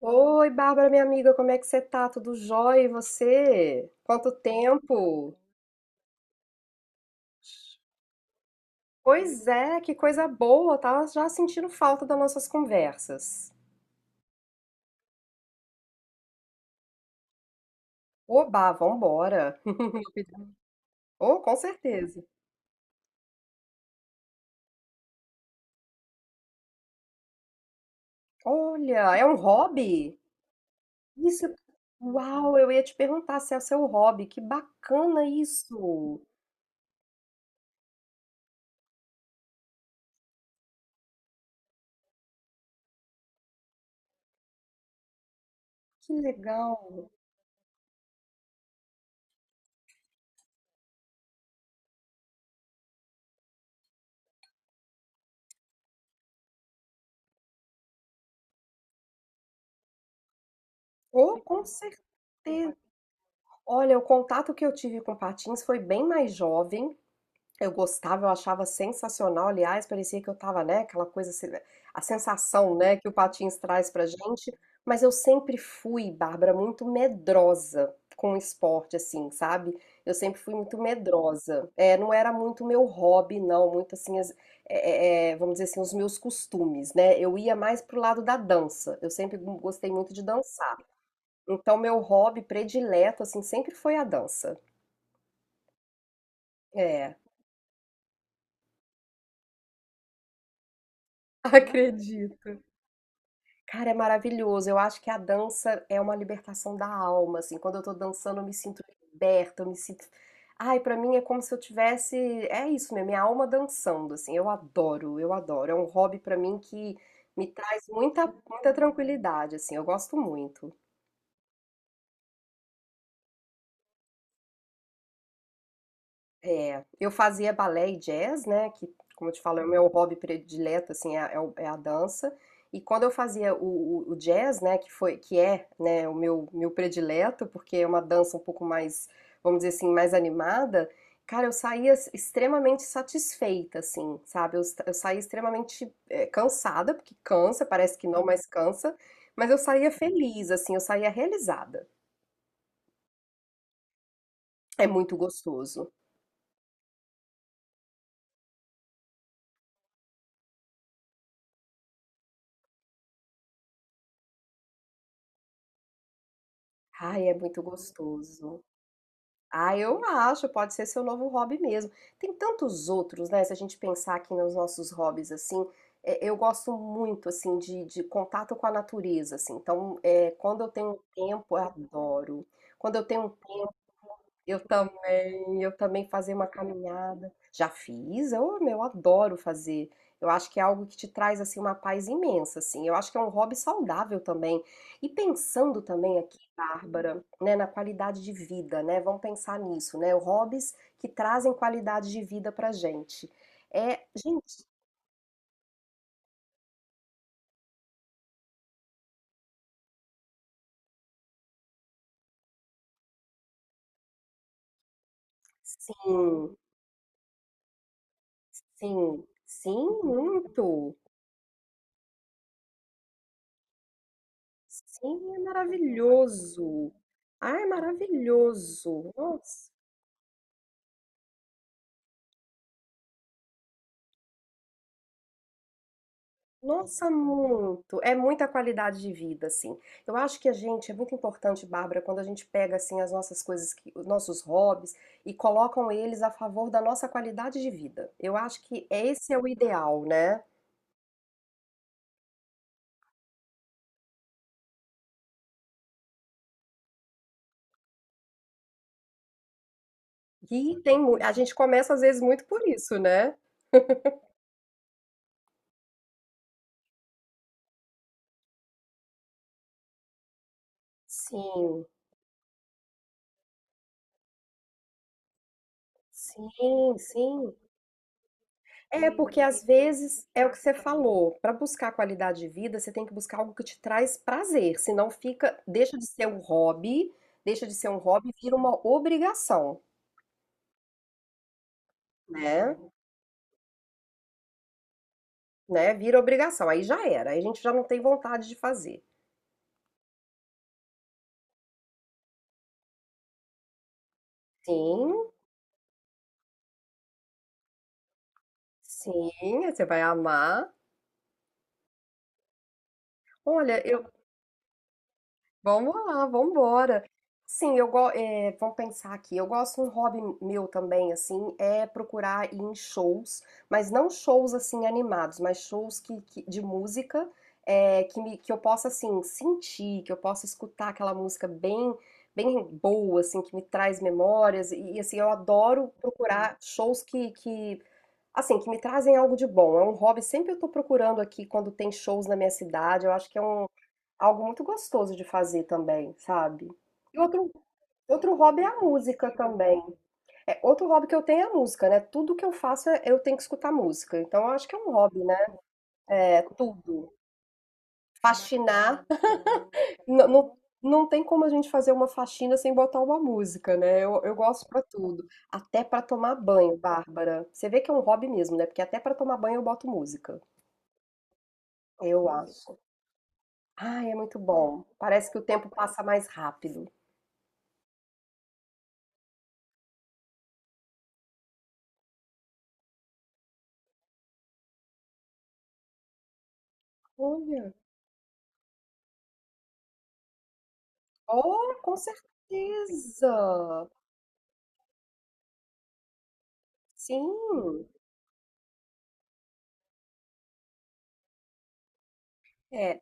Oi, Bárbara, minha amiga, como é que você tá? Tudo jóia? E você? Quanto tempo? Pois é, que coisa boa, tava já sentindo falta das nossas conversas. Oba, vambora. Oh, com certeza. Olha, é um hobby? Isso, uau, eu ia te perguntar se é o seu hobby. Que bacana isso. Que legal. Oh, com certeza. Olha, o contato que eu tive com patins foi bem mais jovem. Eu gostava, eu achava sensacional, aliás, parecia que eu tava, né, aquela coisa, assim, né, a sensação, né, que o patins traz pra gente, mas eu sempre fui, Bárbara, muito medrosa com o esporte, assim, sabe? Eu sempre fui muito medrosa, é, não era muito meu hobby, não, muito assim, vamos dizer assim, os meus costumes, né? Eu ia mais pro lado da dança, eu sempre gostei muito de dançar, então meu hobby predileto, assim, sempre foi a dança. é, Acredito. Cara, é maravilhoso. Eu acho que a dança é uma libertação da alma, assim. Quando eu tô dançando, eu me sinto liberta, eu me sinto. Ai, pra mim é como se eu tivesse, é isso mesmo, minha alma dançando, assim. Eu adoro, eu adoro. É um hobby pra mim que me traz muita, muita tranquilidade, assim. Eu gosto muito. É, eu fazia balé e jazz, né? Que, como eu te falo, é o meu hobby predileto, assim, é a dança. E quando eu fazia o, o jazz, né? Que foi, que é, né? O meu predileto, porque é uma dança um pouco mais, vamos dizer assim, mais animada. Cara, eu saía extremamente satisfeita, assim, sabe? Eu saía extremamente cansada, porque cansa, parece que não, mas cansa. Mas eu saía feliz, assim, eu saía realizada. É muito gostoso. Ai, é muito gostoso. Ah, eu acho, pode ser seu novo hobby mesmo. Tem tantos outros, né? Se a gente pensar aqui nos nossos hobbies, assim, eu gosto muito, assim, de contato com a natureza, assim. Então, quando eu tenho um tempo, eu adoro. Quando eu tenho um Eu também fazer uma caminhada. Já fiz, eu adoro fazer. Eu acho que é algo que te traz assim uma paz imensa, assim. Eu acho que é um hobby saudável também. E pensando também aqui, Bárbara, né, na qualidade de vida, né? Vamos pensar nisso, né? Hobbies que trazem qualidade de vida pra gente. É, gente, sim, sim, sim, muito. Sim, é maravilhoso. Ah, é maravilhoso. Nossa. Nossa, muito! É muita qualidade de vida, assim. Eu acho que a gente, é muito importante, Bárbara, quando a gente pega, assim, as nossas coisas, os nossos hobbies e colocam eles a favor da nossa qualidade de vida. Eu acho que esse é o ideal, né? E tem, a gente começa, às vezes, muito por isso, né? Sim, sim, sim. É, porque às vezes é o que você falou, para buscar qualidade de vida, você tem que buscar algo que te traz prazer, senão fica, deixa de ser um hobby, deixa de ser um hobby e vira uma obrigação, né? Né? Vira obrigação, aí já era, aí a gente já não tem vontade de fazer. Sim, sim, você vai amar. Olha, vamos lá, vamos embora. Sim, vamos pensar aqui. Eu gosto, um hobby meu também, assim, é procurar ir em shows, mas não shows assim animados, mas shows que, de música, que eu possa assim sentir, que eu possa escutar aquela música bem boa, assim, que me traz memórias assim eu adoro procurar shows que assim que me trazem algo de bom. É um hobby sempre eu estou procurando aqui quando tem shows na minha cidade. Eu acho que é um algo muito gostoso de fazer também, sabe? E outro hobby é a música também. É, outro hobby que eu tenho é a música, né? Tudo que eu faço eu tenho que escutar música. Então eu acho que é um hobby, né? É, tudo. Faxinar. Não, não, não tem como a gente fazer uma faxina sem botar uma música, né? Eu gosto pra tudo. Até pra tomar banho, Bárbara. Você vê que é um hobby mesmo, né? Porque até pra tomar banho eu boto música. Eu acho. Ai, é muito bom. Parece que o tempo passa mais rápido. Olha. Oh, com certeza! Sim, é.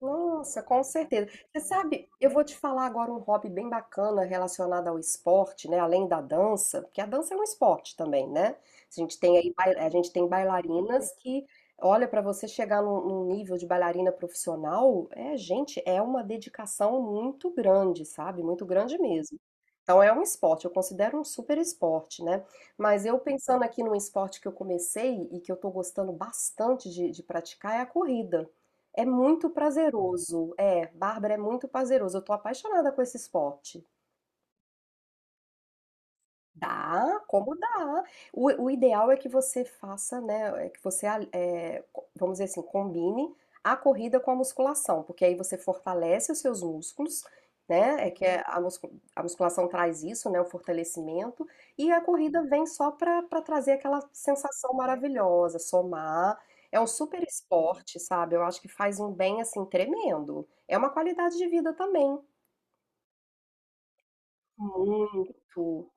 Nossa, com certeza. Você sabe, eu vou te falar agora um hobby bem bacana relacionado ao esporte, né? Além da dança, porque a dança é um esporte também, né? A gente tem aí, a gente tem bailarinas que, olha, para você chegar num, nível de bailarina profissional, gente, é uma dedicação muito grande, sabe? Muito grande mesmo. Então é um esporte, eu considero um super esporte, né? Mas eu pensando aqui num esporte que eu comecei e que eu tô gostando bastante de praticar é a corrida. É muito prazeroso. É, Bárbara, é muito prazeroso. Eu tô apaixonada com esse esporte. Dá, como dá. O ideal é que você faça, né? É que você, vamos dizer assim, combine a corrida com a musculação, porque aí você fortalece os seus músculos, né? É que é a musculação traz isso, né? O fortalecimento. E a corrida vem só para trazer aquela sensação maravilhosa, somar. É um super esporte, sabe? Eu acho que faz um bem, assim, tremendo. É uma qualidade de vida também. Muito,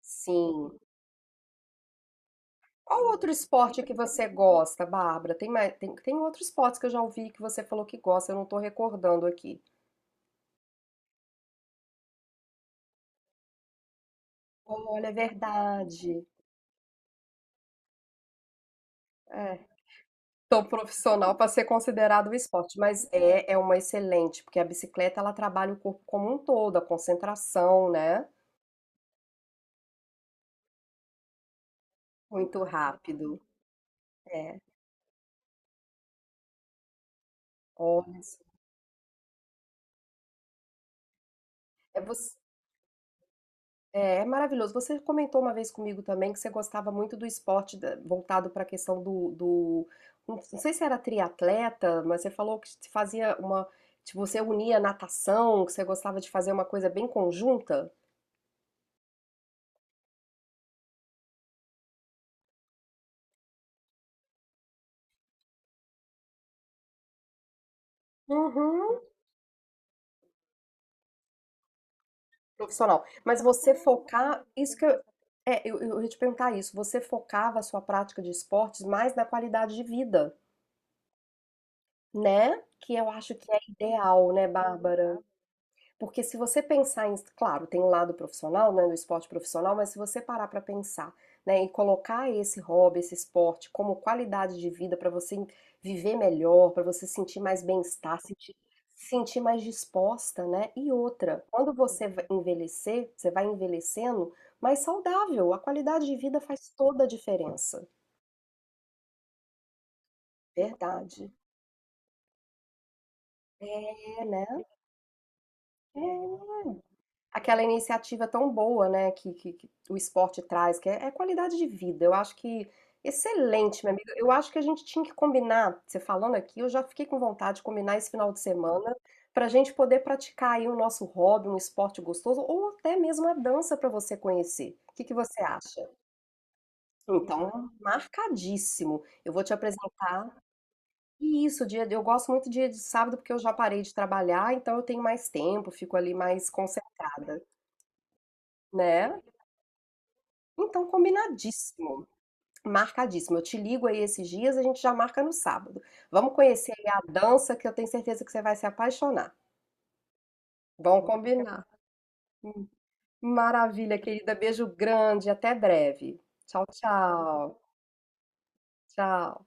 sim. Qual outro esporte que você gosta, Bárbara? Tem mais, tem outros esportes que eu já ouvi que você falou que gosta, eu não estou recordando aqui. Olha, é verdade. É, tão profissional para ser considerado um esporte, mas é uma excelente, porque a bicicleta ela trabalha o corpo como um todo, a concentração, né? Muito rápido. É, olha. É é maravilhoso. Você comentou uma vez comigo também que você gostava muito do esporte voltado para a questão Não sei se era triatleta, mas você falou que se fazia uma. Que você unia natação, que você gostava de fazer uma coisa bem conjunta. Uhum. Profissional. Mas você focar. Isso que eu. É, eu ia te perguntar isso. Você focava a sua prática de esportes mais na qualidade de vida, né? Que eu acho que é ideal, né, Bárbara? Porque se você pensar em, claro, tem um lado profissional, né, do esporte profissional, mas se você parar para pensar, né, e colocar esse hobby, esse esporte como qualidade de vida para você viver melhor, para você sentir mais bem-estar, sentir mais disposta, né? E outra, quando você vai envelhecer, você vai envelhecendo mais saudável. A qualidade de vida faz toda a diferença. Verdade. É, né? É. Aquela iniciativa tão boa, né, que o esporte traz, que é qualidade de vida. Eu acho que excelente, minha amiga. Eu acho que a gente tinha que combinar, você falando aqui, eu já fiquei com vontade de combinar esse final de semana para a gente poder praticar aí o nosso hobby, um esporte gostoso, ou até mesmo a dança para você conhecer. O que que você acha? Então, marcadíssimo. Eu vou te apresentar. E isso, dia, eu gosto muito dia de sábado porque eu já parei de trabalhar, então eu tenho mais tempo, fico ali mais concentrada, né? Então, combinadíssimo, marcadíssimo. Eu te ligo aí esses dias, a gente já marca no sábado. Vamos conhecer aí a dança, que eu tenho certeza que você vai se apaixonar. Vamos combinar. Maravilha, querida. Beijo grande. Até breve. Tchau, tchau. Tchau.